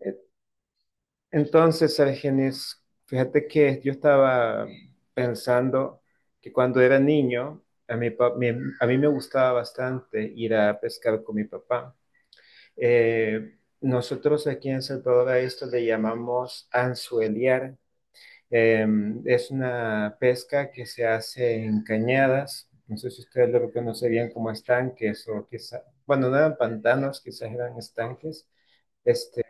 Eh, Entonces, Argenis, fíjate que yo estaba pensando que cuando era niño, a mi pa- mi- a mí me gustaba bastante ir a pescar con mi papá. Nosotros aquí en Salvador a esto le llamamos anzueliar. Eh, es una pesca que se hace en cañadas. No sé si ustedes lo conocerían como estanques o quizá, bueno, no eran pantanos, quizás eran estanques. Este,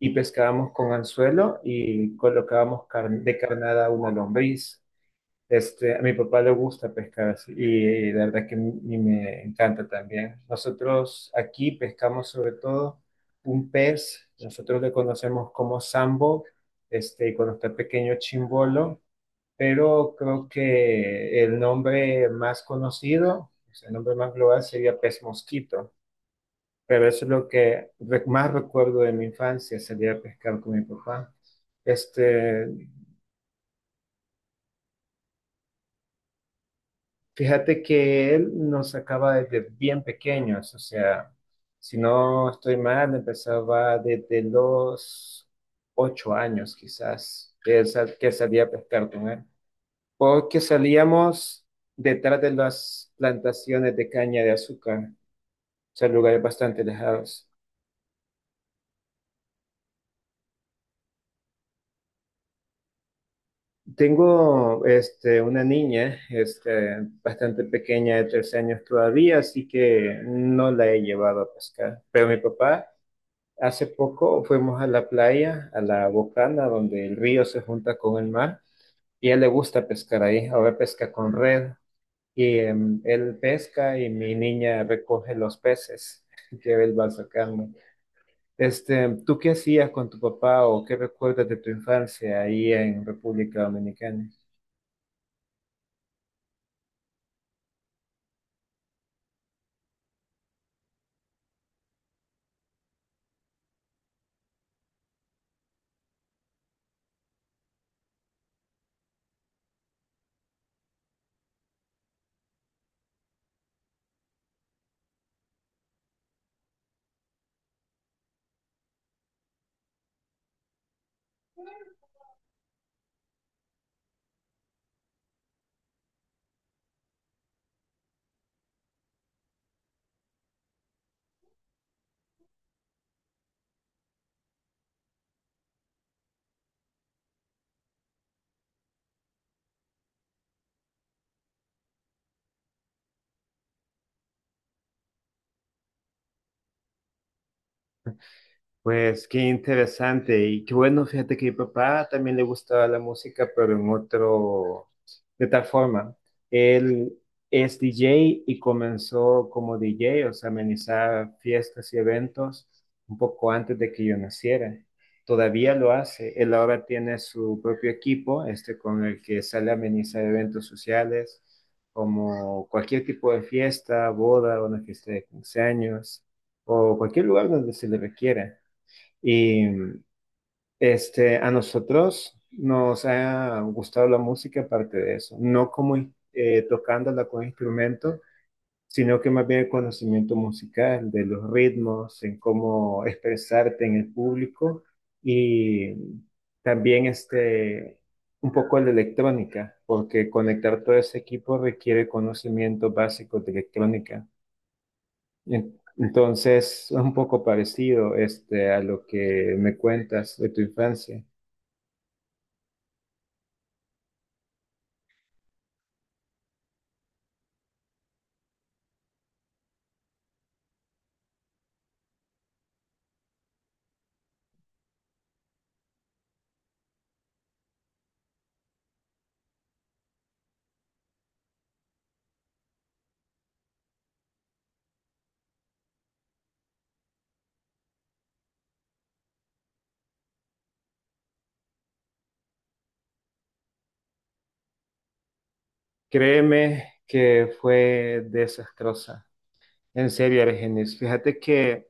y pescábamos con anzuelo y colocábamos carne, de carnada una lombriz. A mi papá le gusta pescar así y la verdad que a mí me encanta también. Nosotros aquí pescamos sobre todo un pez, nosotros le conocemos como sambo, y cuando está pequeño chimbolo, pero creo que el nombre más conocido, o sea, el nombre más global sería pez mosquito. Pero eso es lo que más recuerdo de mi infancia, salir a pescar con mi papá. Este, fíjate que él nos sacaba desde bien pequeños, o sea, si no estoy mal, empezaba desde los 8 años quizás, que, que salía a pescar con él. Porque salíamos detrás de las plantaciones de caña de azúcar, o sea, lugares bastante alejados. Tengo una niña bastante pequeña de 13 años todavía, así que no la he llevado a pescar. Pero mi papá, hace poco fuimos a la playa, a la Bocana, donde el río se junta con el mar, y a él le gusta pescar ahí. Ahora pesca con red, y él pesca y mi niña recoge los peces que él va sacando. ¿Tú qué hacías con tu papá o qué recuerdas de tu infancia ahí en República Dominicana? Pues qué interesante y qué bueno, fíjate que mi papá también le gustaba la música, pero en otro, de tal forma, él es DJ y comenzó como DJ, o sea, amenizar fiestas y eventos un poco antes de que yo naciera. Todavía lo hace, él ahora tiene su propio equipo, con el que sale a amenizar eventos sociales, como cualquier tipo de fiesta, boda, una fiesta de 15 años o cualquier lugar donde se le requiera. Y a nosotros nos ha gustado la música aparte de eso, no como tocándola con instrumentos, sino que más bien el conocimiento musical, de los ritmos, en cómo expresarte en el público y también un poco de electrónica, porque conectar todo ese equipo requiere conocimientos básicos de electrónica. Entonces, es un poco parecido a lo que me cuentas de tu infancia. Créeme que fue desastrosa. En serio, Argenis, fíjate que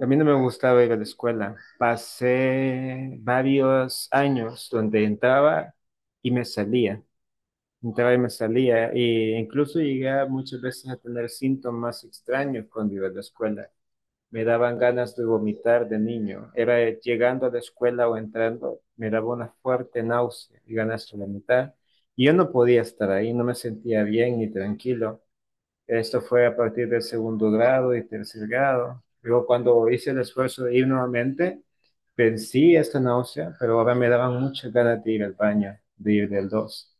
a mí no me gustaba ir a la escuela. Pasé varios años donde entraba y me salía. Entraba y me salía. E incluso llegué muchas veces a tener síntomas extraños cuando iba a la escuela. Me daban ganas de vomitar de niño. Era llegando a la escuela o entrando, me daba una fuerte náusea y ganas de vomitar. Y yo no podía estar ahí, no me sentía bien ni tranquilo. Esto fue a partir del segundo grado y tercer grado. Luego, cuando hice el esfuerzo de ir nuevamente, vencí esta náusea, pero ahora me daban muchas ganas de ir al baño, de ir del dos.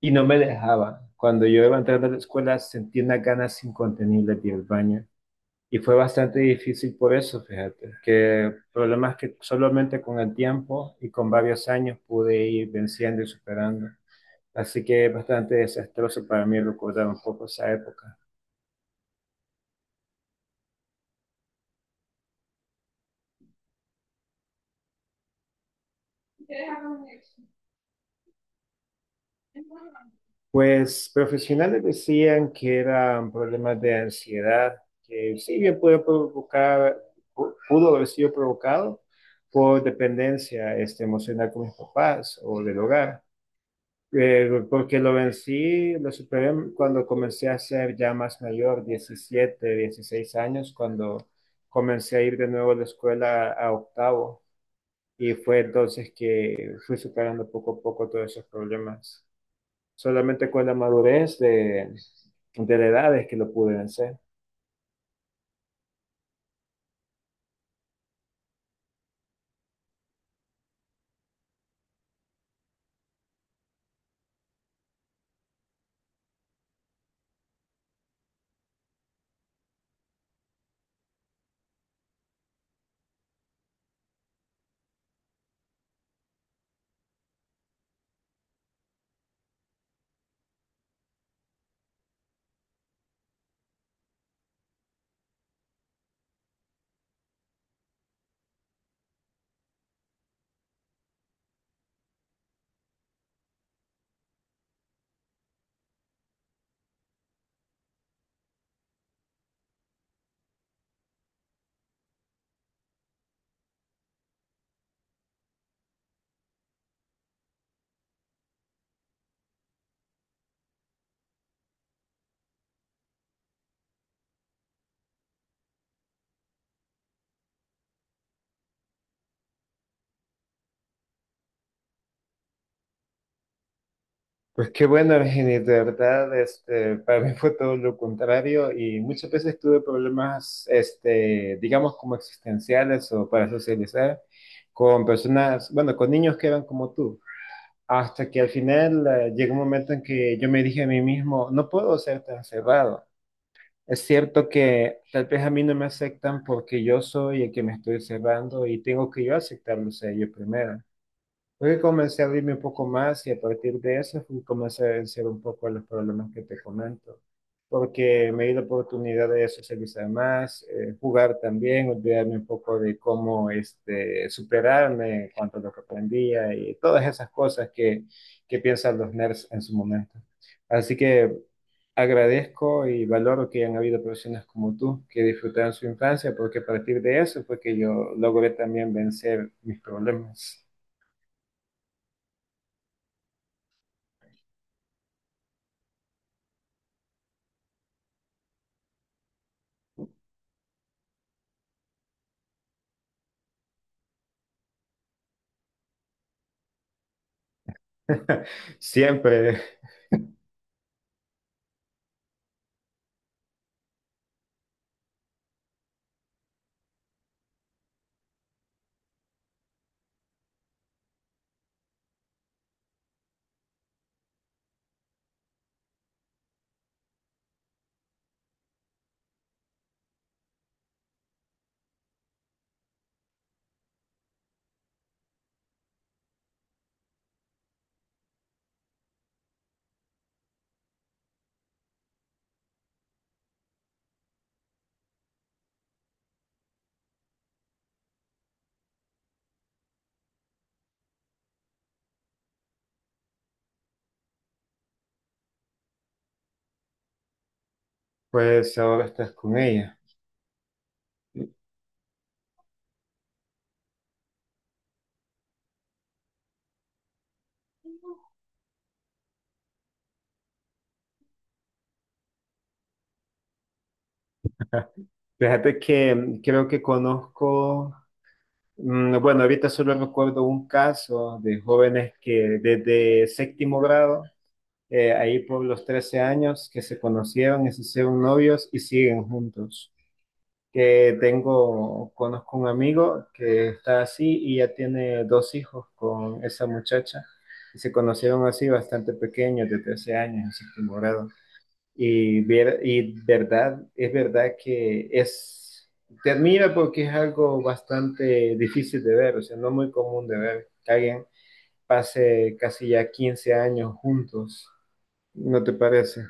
Y no me dejaba. Cuando yo iba entrando a la escuela, sentía unas ganas incontenibles de ir al baño. Y fue bastante difícil por eso, fíjate, que problemas que solamente con el tiempo y con varios años pude ir venciendo y superando. Así que es bastante desastroso para mí recordar un poco esa época. Pues profesionales decían que eran problemas de ansiedad, que sí bien pudo provocar, pudo haber sido provocado por dependencia emocional con mis papás o del hogar. Porque lo vencí, lo superé cuando comencé a ser ya más mayor, 17, 16 años, cuando comencé a ir de nuevo a la escuela a octavo. Y fue entonces que fui superando poco a poco todos esos problemas. Solamente con la madurez de la edad es que lo pude vencer. Pues qué bueno, Virginia, de verdad, para mí fue todo lo contrario y muchas veces tuve problemas, digamos, como existenciales o para socializar con personas, bueno, con niños que eran como tú, hasta que al final llegó un momento en que yo me dije a mí mismo, no puedo ser tan cerrado. Es cierto que tal vez a mí no me aceptan porque yo soy el que me estoy cerrando y tengo que yo aceptarlos a ellos primero. Porque comencé a abrirme un poco más y a partir de eso fui, comencé a vencer un poco los problemas que te comento. Porque me di la oportunidad de socializar más, jugar también, olvidarme un poco de cómo superarme en cuanto a lo que aprendía y todas esas cosas que piensan los nerds en su momento. Así que agradezco y valoro que hayan habido personas como tú que disfrutaron su infancia, porque a partir de eso fue que yo logré también vencer mis problemas. Siempre, pues ahora estás con ella. Fíjate que creo que conozco, bueno, ahorita solo recuerdo un caso de jóvenes que desde séptimo grado ahí por los 13 años que se conocieron y se hicieron novios y siguen juntos. Que tengo, conozco un amigo que está así y ya tiene dos hijos con esa muchacha. Y se conocieron así bastante pequeños, de 13 años, en séptimo grado. Y, y verdad, es verdad que es, te admira porque es algo bastante difícil de ver, o sea, no muy común de ver que alguien pase casi ya 15 años juntos, ¿no te parece?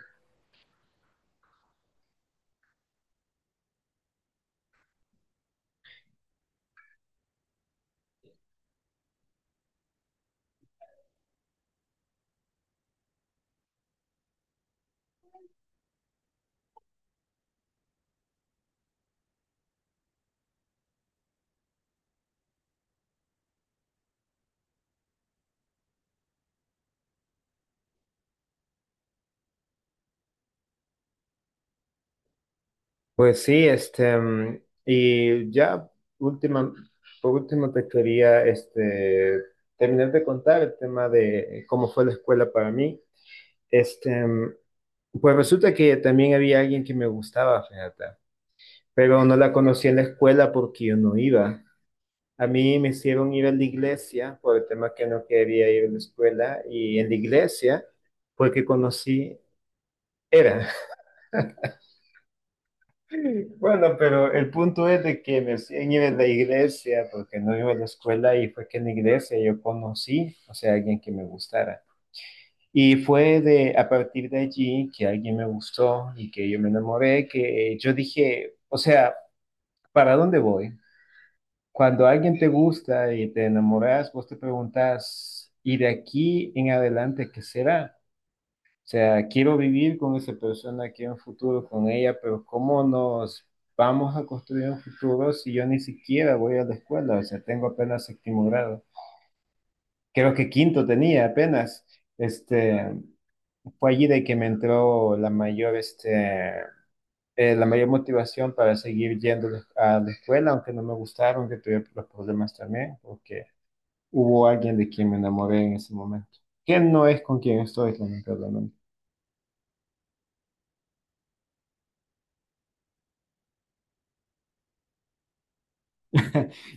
Pues sí, y ya última, por último te quería terminar de contar el tema de cómo fue la escuela para mí. Este, mm, pues resulta que también había alguien que me gustaba, fíjate, pero no la conocí en la escuela porque yo no iba. A mí me hicieron ir a la iglesia por el tema que no quería ir a la escuela y en la iglesia fue que conocí, era. Bueno, pero el punto es de que me siguen ir en la iglesia, porque no iba a la escuela y fue que en la iglesia yo conocí, o sea, alguien que me gustara. Y fue de, a partir de allí que alguien me gustó y que yo me enamoré, que yo dije, o sea, ¿para dónde voy? Cuando alguien te gusta y te enamoras, vos te preguntas, ¿y de aquí en adelante qué será? O sea, quiero vivir con esa persona, quiero un futuro con ella, pero ¿cómo nos vamos a construir un futuro si yo ni siquiera voy a la escuela? O sea, tengo apenas séptimo grado. Creo que quinto tenía apenas. Este, fue allí de que me entró la mayor, la mayor motivación para seguir yendo a la escuela, aunque no me gustaron, que tuve los problemas también, porque hubo alguien de quien me enamoré en ese momento, que no es con quien estoy, lamentablemente.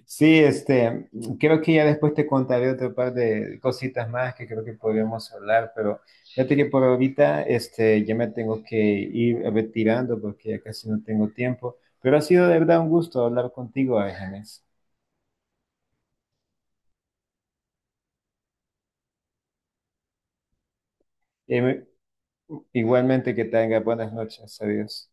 Sí, creo que ya después te contaré otro par de cositas más que creo que podríamos hablar, pero fíjate que por ahorita, ya me tengo que ir retirando porque ya casi no tengo tiempo, pero ha sido de verdad un gusto hablar contigo, Ángeles. Eh, igualmente que tengas buenas noches, adiós.